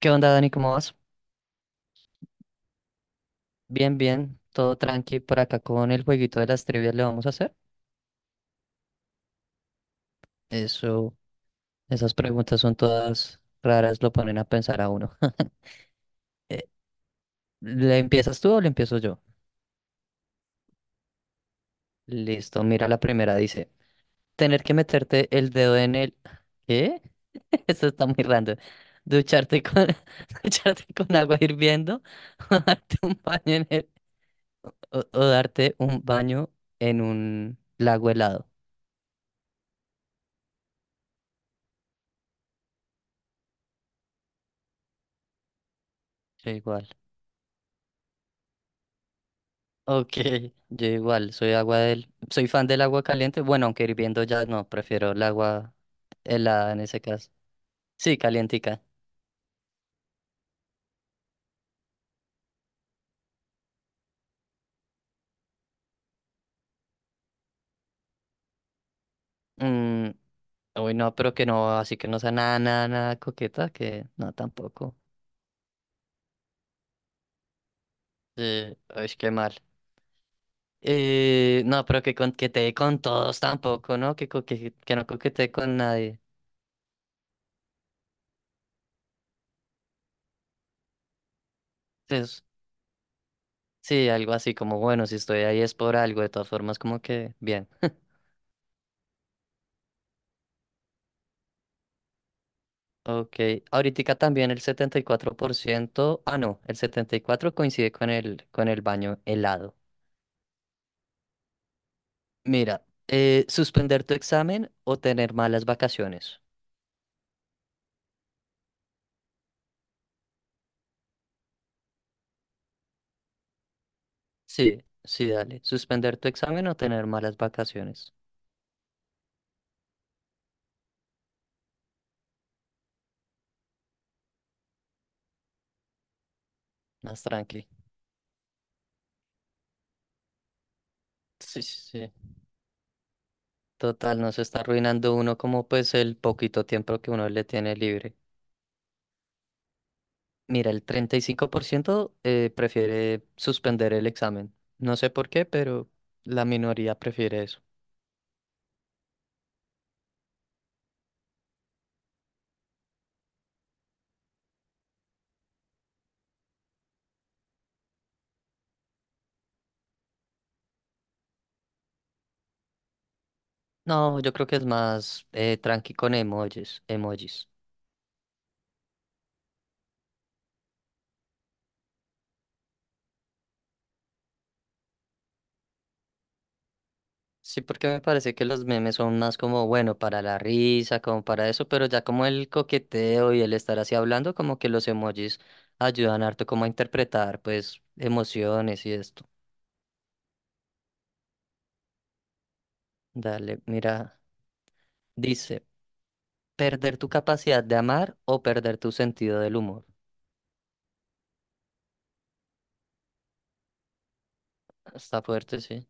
¿Qué onda, Dani? ¿Cómo vas? Bien, bien, todo tranqui por acá con el jueguito de las trivias le vamos a hacer. Eso, esas preguntas son todas raras, lo ponen a pensar a uno. Eh, ¿Le empiezas tú o le empiezo yo? Listo, mira la primera, dice, tener que meterte el dedo en el... ¿Qué? Eso está muy random. Ducharte con, ducharte con agua hirviendo o darte un baño en el... O darte un baño en un lago helado. Yo igual. Ok, yo igual, soy fan del agua caliente, bueno, aunque hirviendo ya no, prefiero el agua helada en ese caso. Sí, calientica. Mm, uy, no, pero que no, así que no sea nada, nada, nada coqueta, que no, tampoco. Sí, es que mal. No, pero que coquetee con todos tampoco, ¿no? Que no coquetee con nadie. Entonces, sí, algo así como, bueno, si estoy ahí es por algo, de todas formas, como que bien. Ok, ahorita también el 74%. Ah, no, el 74 coincide con el baño helado. Mira, suspender tu examen o tener malas vacaciones. Sí, sí, dale. Suspender tu examen o tener malas vacaciones. Más tranqui. Sí, sí, sí. Total, no se está arruinando uno como pues el poquito tiempo que uno le tiene libre. Mira, el 35% prefiere suspender el examen. No sé por qué, pero la minoría prefiere eso. No, yo creo que es más tranqui con emojis, emojis. Sí, porque me parece que los memes son más como, bueno, para la risa, como para eso, pero ya como el coqueteo y el estar así hablando, como que los emojis ayudan harto como a interpretar, pues, emociones y esto. Dale, mira, dice, perder tu capacidad de amar o perder tu sentido del humor. Está fuerte, sí.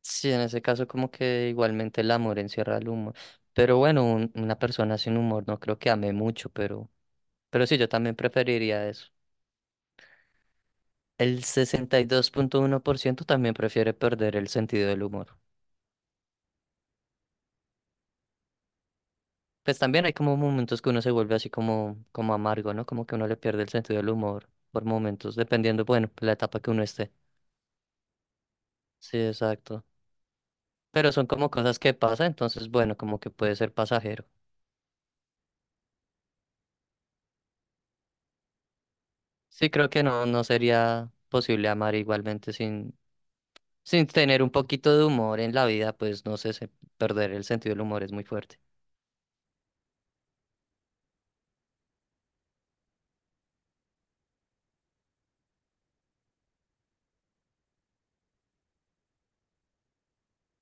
Sí, en ese caso como que igualmente el amor encierra el humor. Pero bueno, una persona sin humor no creo que ame mucho, pero... Pero sí, yo también preferiría eso. El 62,1% también prefiere perder el sentido del humor. Pues también hay como momentos que uno se vuelve así como amargo, ¿no? Como que uno le pierde el sentido del humor por momentos, dependiendo, bueno, la etapa que uno esté. Sí, exacto. Pero son como cosas que pasan, entonces, bueno, como que puede ser pasajero. Sí, creo que no, no sería posible amar igualmente sin tener un poquito de humor en la vida, pues no sé, perder el sentido del humor es muy fuerte.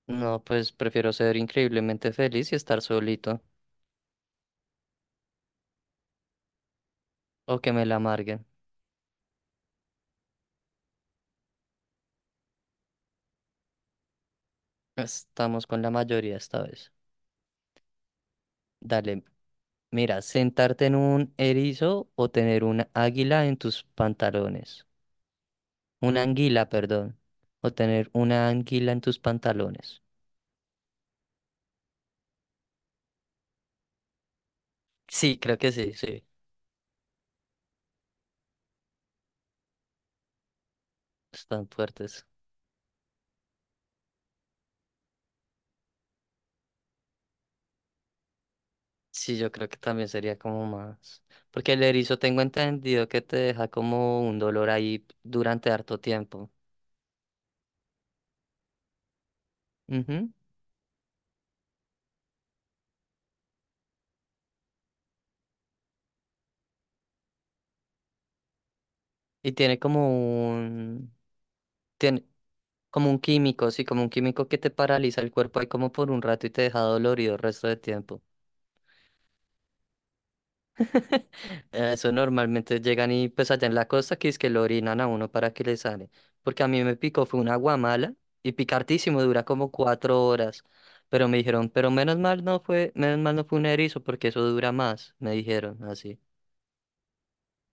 No, pues prefiero ser increíblemente feliz y estar solito o que me la amarguen. Estamos con la mayoría esta vez. Dale, mira, sentarte en un erizo o tener una águila en tus pantalones. Una anguila, perdón. O tener una anguila en tus pantalones. Sí, creo que sí, sí. Están fuertes. Sí, yo creo que también sería como más. Porque el erizo tengo entendido que te deja como un dolor ahí durante harto tiempo. Ujú. Y tiene como un... Tiene como un químico, sí, como un químico que te paraliza el cuerpo ahí como por un rato y te deja dolorido el resto del tiempo. Eso normalmente llegan y pues allá en la costa que es que lo orinan a uno para que le sale. Porque a mí me picó, fue una guamala y picartísimo, dura como 4 horas. Pero menos mal no fue, menos mal no fue un erizo porque eso dura más, me dijeron así.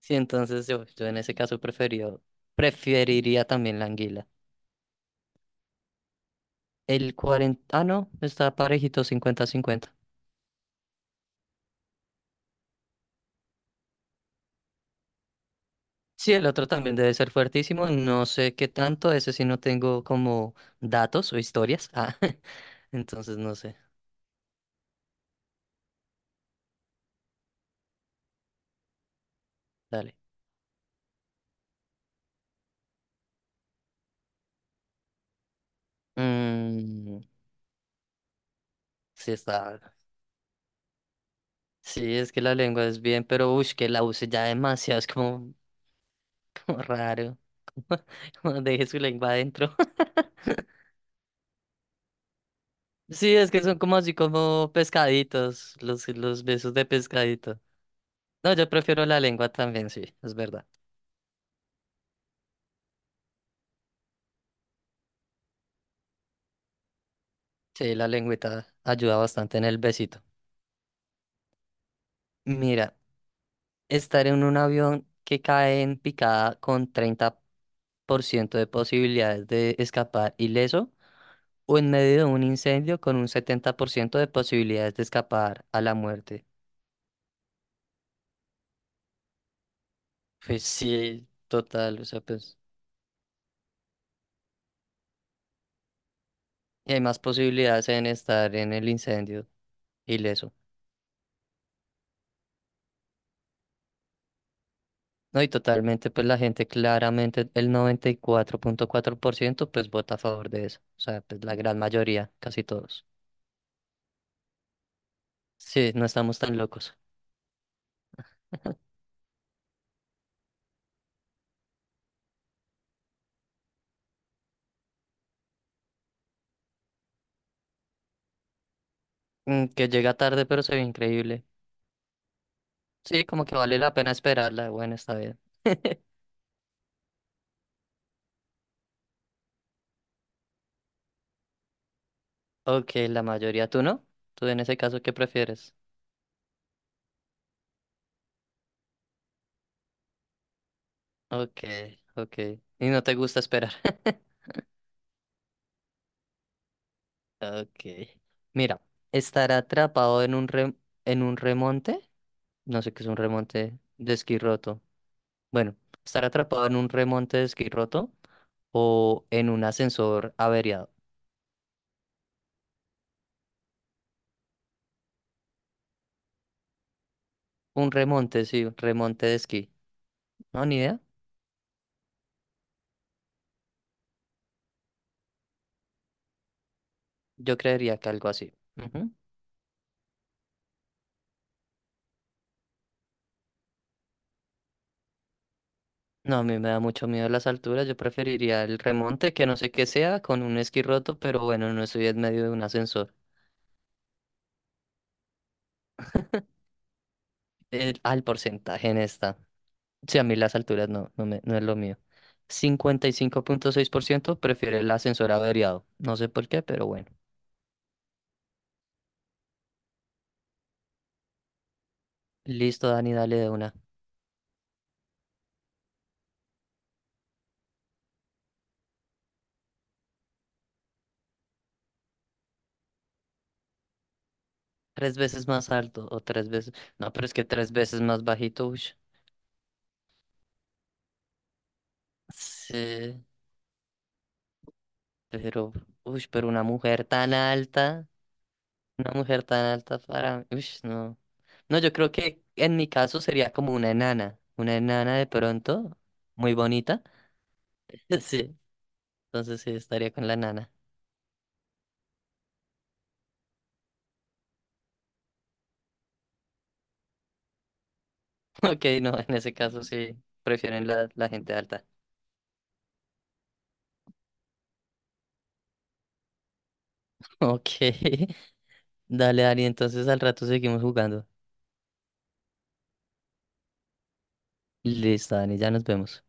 Sí, entonces yo en ese caso preferiría también la anguila. El 40, ah, no, está parejito 50-50. Sí, el otro también debe ser fuertísimo, no sé qué tanto, ese sí no tengo como datos o historias. Ah, entonces no sé, dale. Mm, sí está. Sí, es que la lengua es bien, pero uy, que la use ya demasiado, es como raro. Como deje su lengua adentro. Sí, es que son como así como pescaditos, los besos de pescadito. No, yo prefiero la lengua también, sí, es verdad. Sí, la lengüita ayuda bastante en el besito. Mira, estar en un avión que cae en picada con 30% de posibilidades de escapar ileso o en medio de un incendio con un 70% de posibilidades de escapar a la muerte. Pues sí, total, o sea, pues y hay más posibilidades en estar en el incendio ileso. No, y totalmente, pues la gente claramente, el noventa y cuatro punto cuatro por ciento pues vota a favor de eso. O sea, pues la gran mayoría, casi todos. Sí, no estamos tan locos. Que llega tarde, pero se ve increíble. Sí, como que vale la pena esperarla. Bueno, está bien. Ok, la mayoría, ¿tú no? ¿Tú en ese caso qué prefieres? Ok, ok. Y no te gusta esperar. Ok. Mira, estar atrapado en un remonte, no sé qué es un remonte de esquí roto, bueno, estar atrapado en un remonte de esquí roto o en un ascensor averiado. Un remonte, sí, un remonte de esquí. No, ni idea. Yo creería que algo así. Ujú. No, a mí me da mucho miedo las alturas. Yo preferiría el remonte, que no sé qué sea, con un esquí roto, pero bueno, no estoy en medio de un ascensor. Al porcentaje en esta. Sí, a mí las alturas no, no, me, no es lo mío. 55,6% prefiere el ascensor averiado. No sé por qué, pero bueno. Listo, Dani, dale de una. Tres veces más alto o tres veces. No, pero es que tres veces más bajito, uy. Sí, pero, uy, pero una mujer tan alta, para, uy, no. No, yo creo que en mi caso sería como una enana de pronto, muy bonita. Sí, entonces sí, estaría con la enana. Ok, no, en ese caso sí, prefieren la gente alta. Ok, dale, Dani, entonces al rato seguimos jugando. Listo, Dani, ya nos vemos.